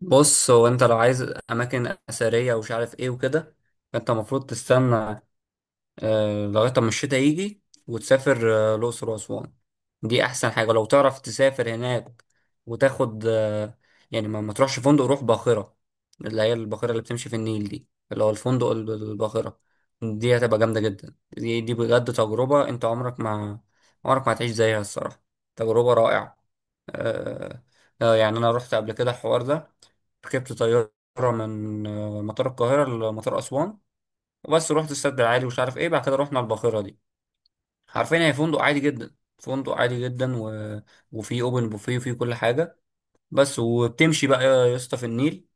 بص، هو انت لو عايز اماكن اثريه ومش عارف ايه وكده انت المفروض تستنى لغايه ما الشتاء يجي وتسافر الاقصر واسوان. دي احسن حاجه لو تعرف تسافر هناك وتاخد. يعني ما تروحش فندق، روح باخره. اللي هي الباخره اللي بتمشي في النيل دي، اللي هو الفندق الباخره دي هتبقى جامده جدا. دي بجد تجربه انت عمرك ما هتعيش زيها الصراحه، تجربه رائعه. آه يعني أنا رحت قبل كده الحوار ده، ركبت طيارة من مطار القاهرة لمطار أسوان وبس. رحت السد العالي ومش عارف إيه، بعد كده رحنا الباخرة دي. عارفين، هي فندق عادي جدا، فندق عادي جدا وفيه أوبن بوفيه وفيه كل حاجة. بس وبتمشي بقى يا اسطى في النيل،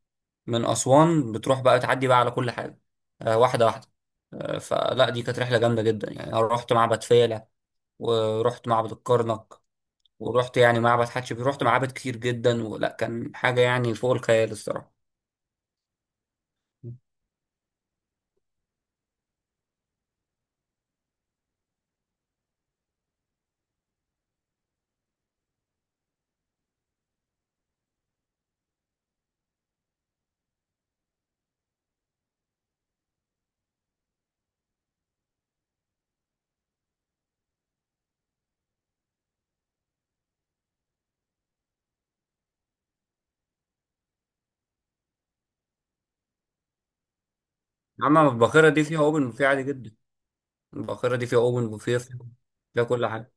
من أسوان بتروح بقى تعدي بقى على كل حاجة واحدة واحدة. فلا دي كانت رحلة جامدة جدا، يعني أنا رحت معبد فيلة، ورحت معبد الكرنك، ورحت يعني معبد حتشبسوت، رحت معابد كتير جدا، ولا كان حاجة يعني فوق الخيال الصراحة. أما الباخرة دي فيها أوبن بوفيه عادي جدا، الباخرة دي فيها أوبن بوفيه، فيها كل حاجة.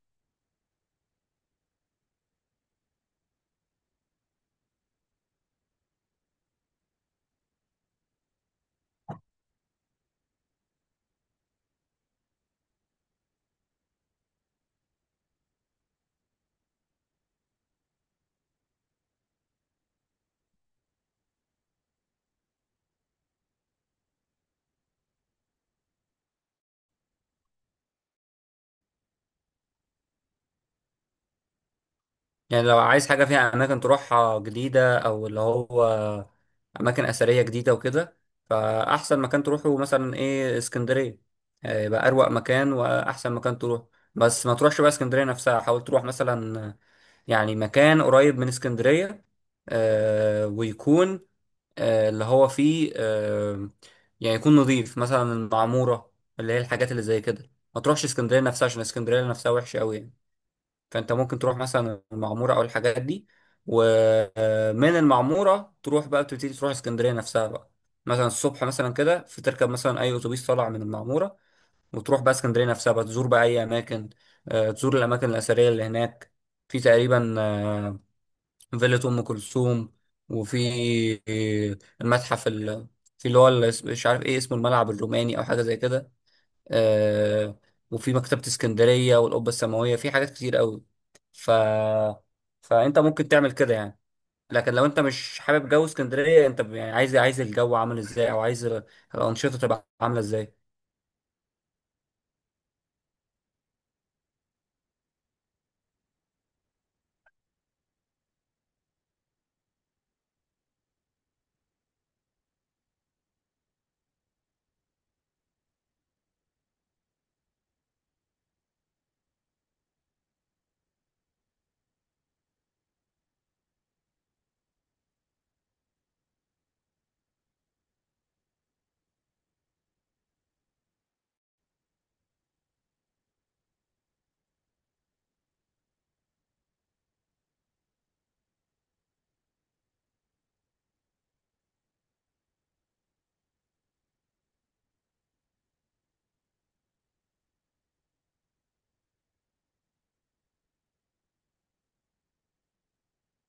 يعني لو عايز حاجة فيها أماكن تروحها جديدة، أو اللي هو أماكن أثرية جديدة وكده، فأحسن مكان تروحه مثلا إيه اسكندرية. يبقى أروق مكان وأحسن مكان تروح. بس ما تروحش بقى اسكندرية نفسها، حاول تروح مثلا يعني مكان قريب من اسكندرية، ويكون اللي هو فيه يعني يكون نظيف، مثلا المعمورة، اللي هي الحاجات اللي زي كده. ما تروحش اسكندرية نفسها عشان اسكندرية نفسها وحشة قوي يعني. فانت ممكن تروح مثلا المعمورة او الحاجات دي، ومن المعمورة تروح بقى تبتدي تروح اسكندرية نفسها بقى. مثلا الصبح مثلا كده، في تركب مثلا اي اتوبيس طالع من المعمورة، وتروح بقى اسكندرية نفسها بقى، تزور بقى اي اماكن، تزور الاماكن الاثرية اللي هناك. في تقريبا فيلة أم كلثوم، وفي المتحف في اللي هو مش عارف ايه اسمه، الملعب الروماني أو حاجة زي كده. آه وفي مكتبة اسكندرية والقبة السماوية، في حاجات كتير قوي ف... فأنت ممكن تعمل كده يعني. لكن لو انت مش حابب جو اسكندرية، انت يعني عايز الجو عامل ازاي، او عايز الأنشطة تبقى عاملة ازاي؟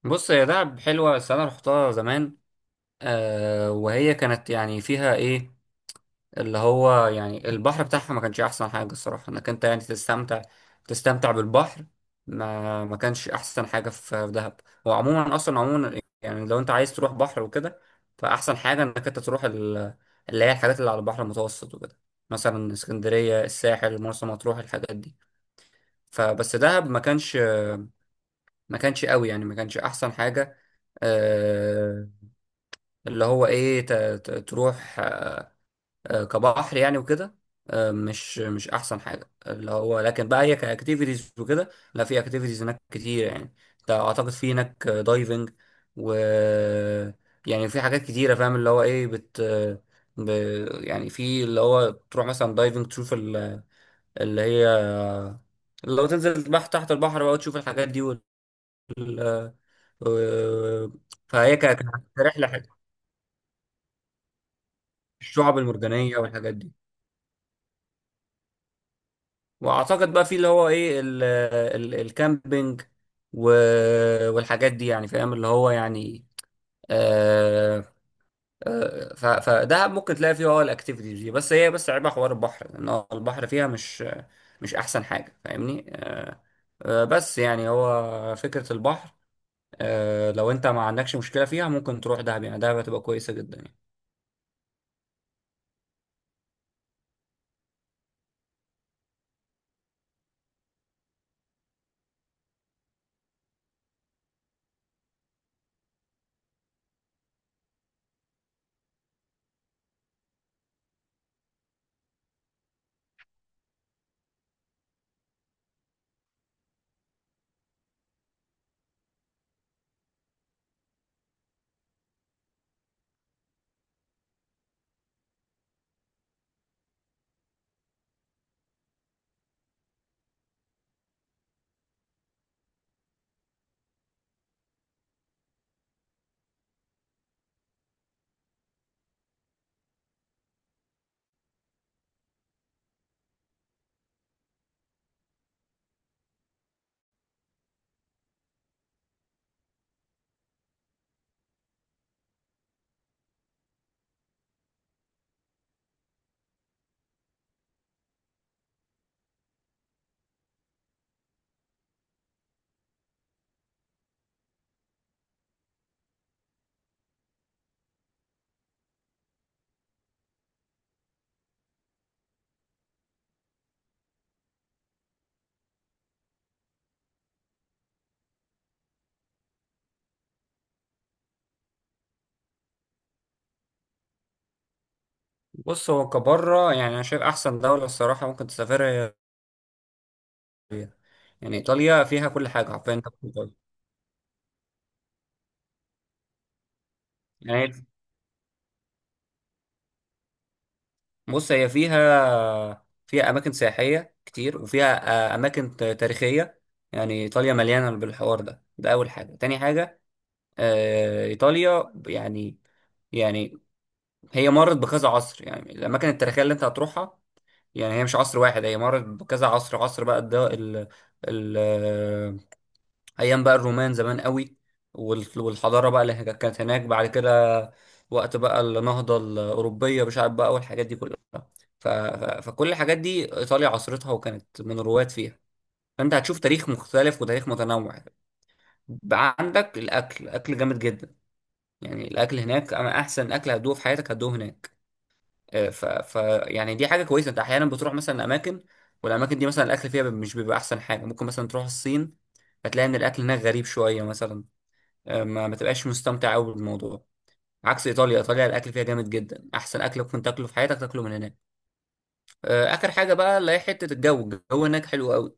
بص، هي دهب حلوة بس انا رحتها زمان. وهي كانت يعني فيها ايه، اللي هو يعني البحر بتاعها ما كانش احسن حاجة الصراحة، انك انت يعني تستمتع بالبحر. ما كانش احسن حاجة في دهب. وعموما اصلا عموما، يعني لو انت عايز تروح بحر وكده، فاحسن حاجة انك انت تروح اللي هي الحاجات اللي على البحر المتوسط وكده، مثلا اسكندرية، الساحل، مرسى مطروح، الحاجات دي. فبس دهب ما كانش قوي يعني، ما كانش احسن حاجة. آه، اللي هو ايه، تروح كبحر يعني وكده، مش احسن حاجه اللي هو. لكن بقى هي كاكتيفيتيز وكده، لا، في اكتيفيتيز هناك كتير يعني. انت اعتقد في هناك دايفنج، و يعني في حاجات كتيره، فاهم اللي هو ايه ب... يعني في اللي هو تروح مثلا دايفنج، تشوف اللي هي، اللي هو تنزل تحت البحر بقى وتشوف الحاجات دي وال- فهي كرحله. الشعب المرجانيه والحاجات دي. واعتقد بقى في اللي هو ايه ال ال الكامبينج والحاجات دي يعني، فاهم اللي هو يعني. آه فده ممكن تلاقي فيه الاكتيفيتيز دي، بس هي بس عيبها حوار البحر، لان هو البحر فيها مش احسن حاجه، فاهمني؟ بس يعني هو فكره البحر. لو انت ما عندكش مشكله فيها ممكن تروح دهب، يعني دهب هتبقى كويسه جدا يعني. بص، هو كبره يعني انا شايف احسن دوله الصراحه ممكن تسافرها هي إيطاليا. يعني ايطاليا فيها كل حاجه حرفيا يعني. بص، هي فيها أماكن سياحية كتير، وفيها أماكن تاريخية. يعني إيطاليا مليانة بالحوار ده، ده أول حاجة. تاني حاجة إيطاليا يعني، يعني هي مرت بكذا عصر، يعني الأماكن التاريخية اللي أنت هتروحها يعني هي مش عصر واحد، هي مرت بكذا عصر. عصر بقى الد- ال ال ايام بقى الرومان زمان قوي، والحضاره بقى اللي كانت هناك بعد كده، وقت بقى النهضه الاوروبيه مش عارف بقى، والحاجات دي كلها. فكل الحاجات دي ايطاليا عصرتها، وكانت من الرواد فيها. فانت هتشوف تاريخ مختلف وتاريخ متنوع. بقى عندك الاكل، الاكل جامد جدا. يعني الاكل هناك انا احسن اكل هتدوقه في حياتك هتدوقه هناك. آه، ف... ف يعني دي حاجه كويسه، انت احيانا بتروح مثلا اماكن، والاماكن دي مثلا الاكل فيها مش بيبقى احسن حاجه. ممكن مثلا تروح الصين، هتلاقي ان الاكل هناك غريب شويه مثلا، ما تبقاش مستمتع قوي بالموضوع. عكس ايطاليا، ايطاليا الاكل فيها جامد جدا، احسن اكل ممكن تاكله في حياتك تاكله من هناك. اخر حاجه بقى اللي هي حته الجو، الجو هناك حلو قوي،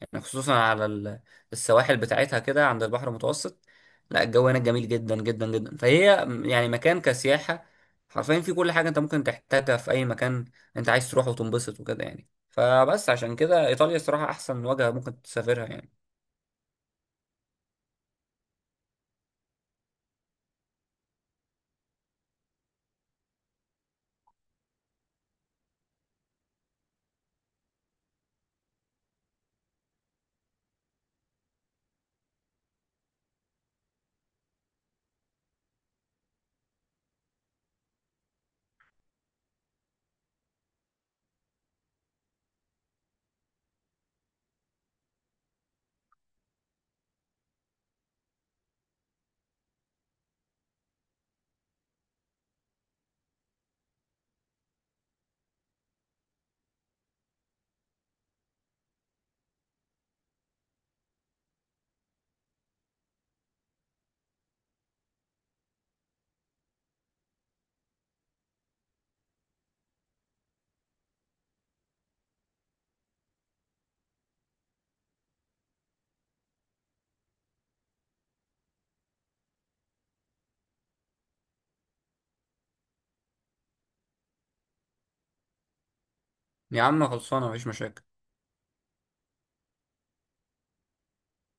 يعني خصوصا على السواحل بتاعتها كده عند البحر المتوسط. لا، الجو هناك جميل جدا جدا جدا، فهي يعني مكان كسياحه حرفيا، في كل حاجه انت ممكن تحتاجها في اي مكان انت عايز تروح وتنبسط وكده يعني. فبس عشان كده ايطاليا الصراحه احسن وجهه ممكن تسافرها يعني. يا عم، خلصانه، مفيش مشاكل.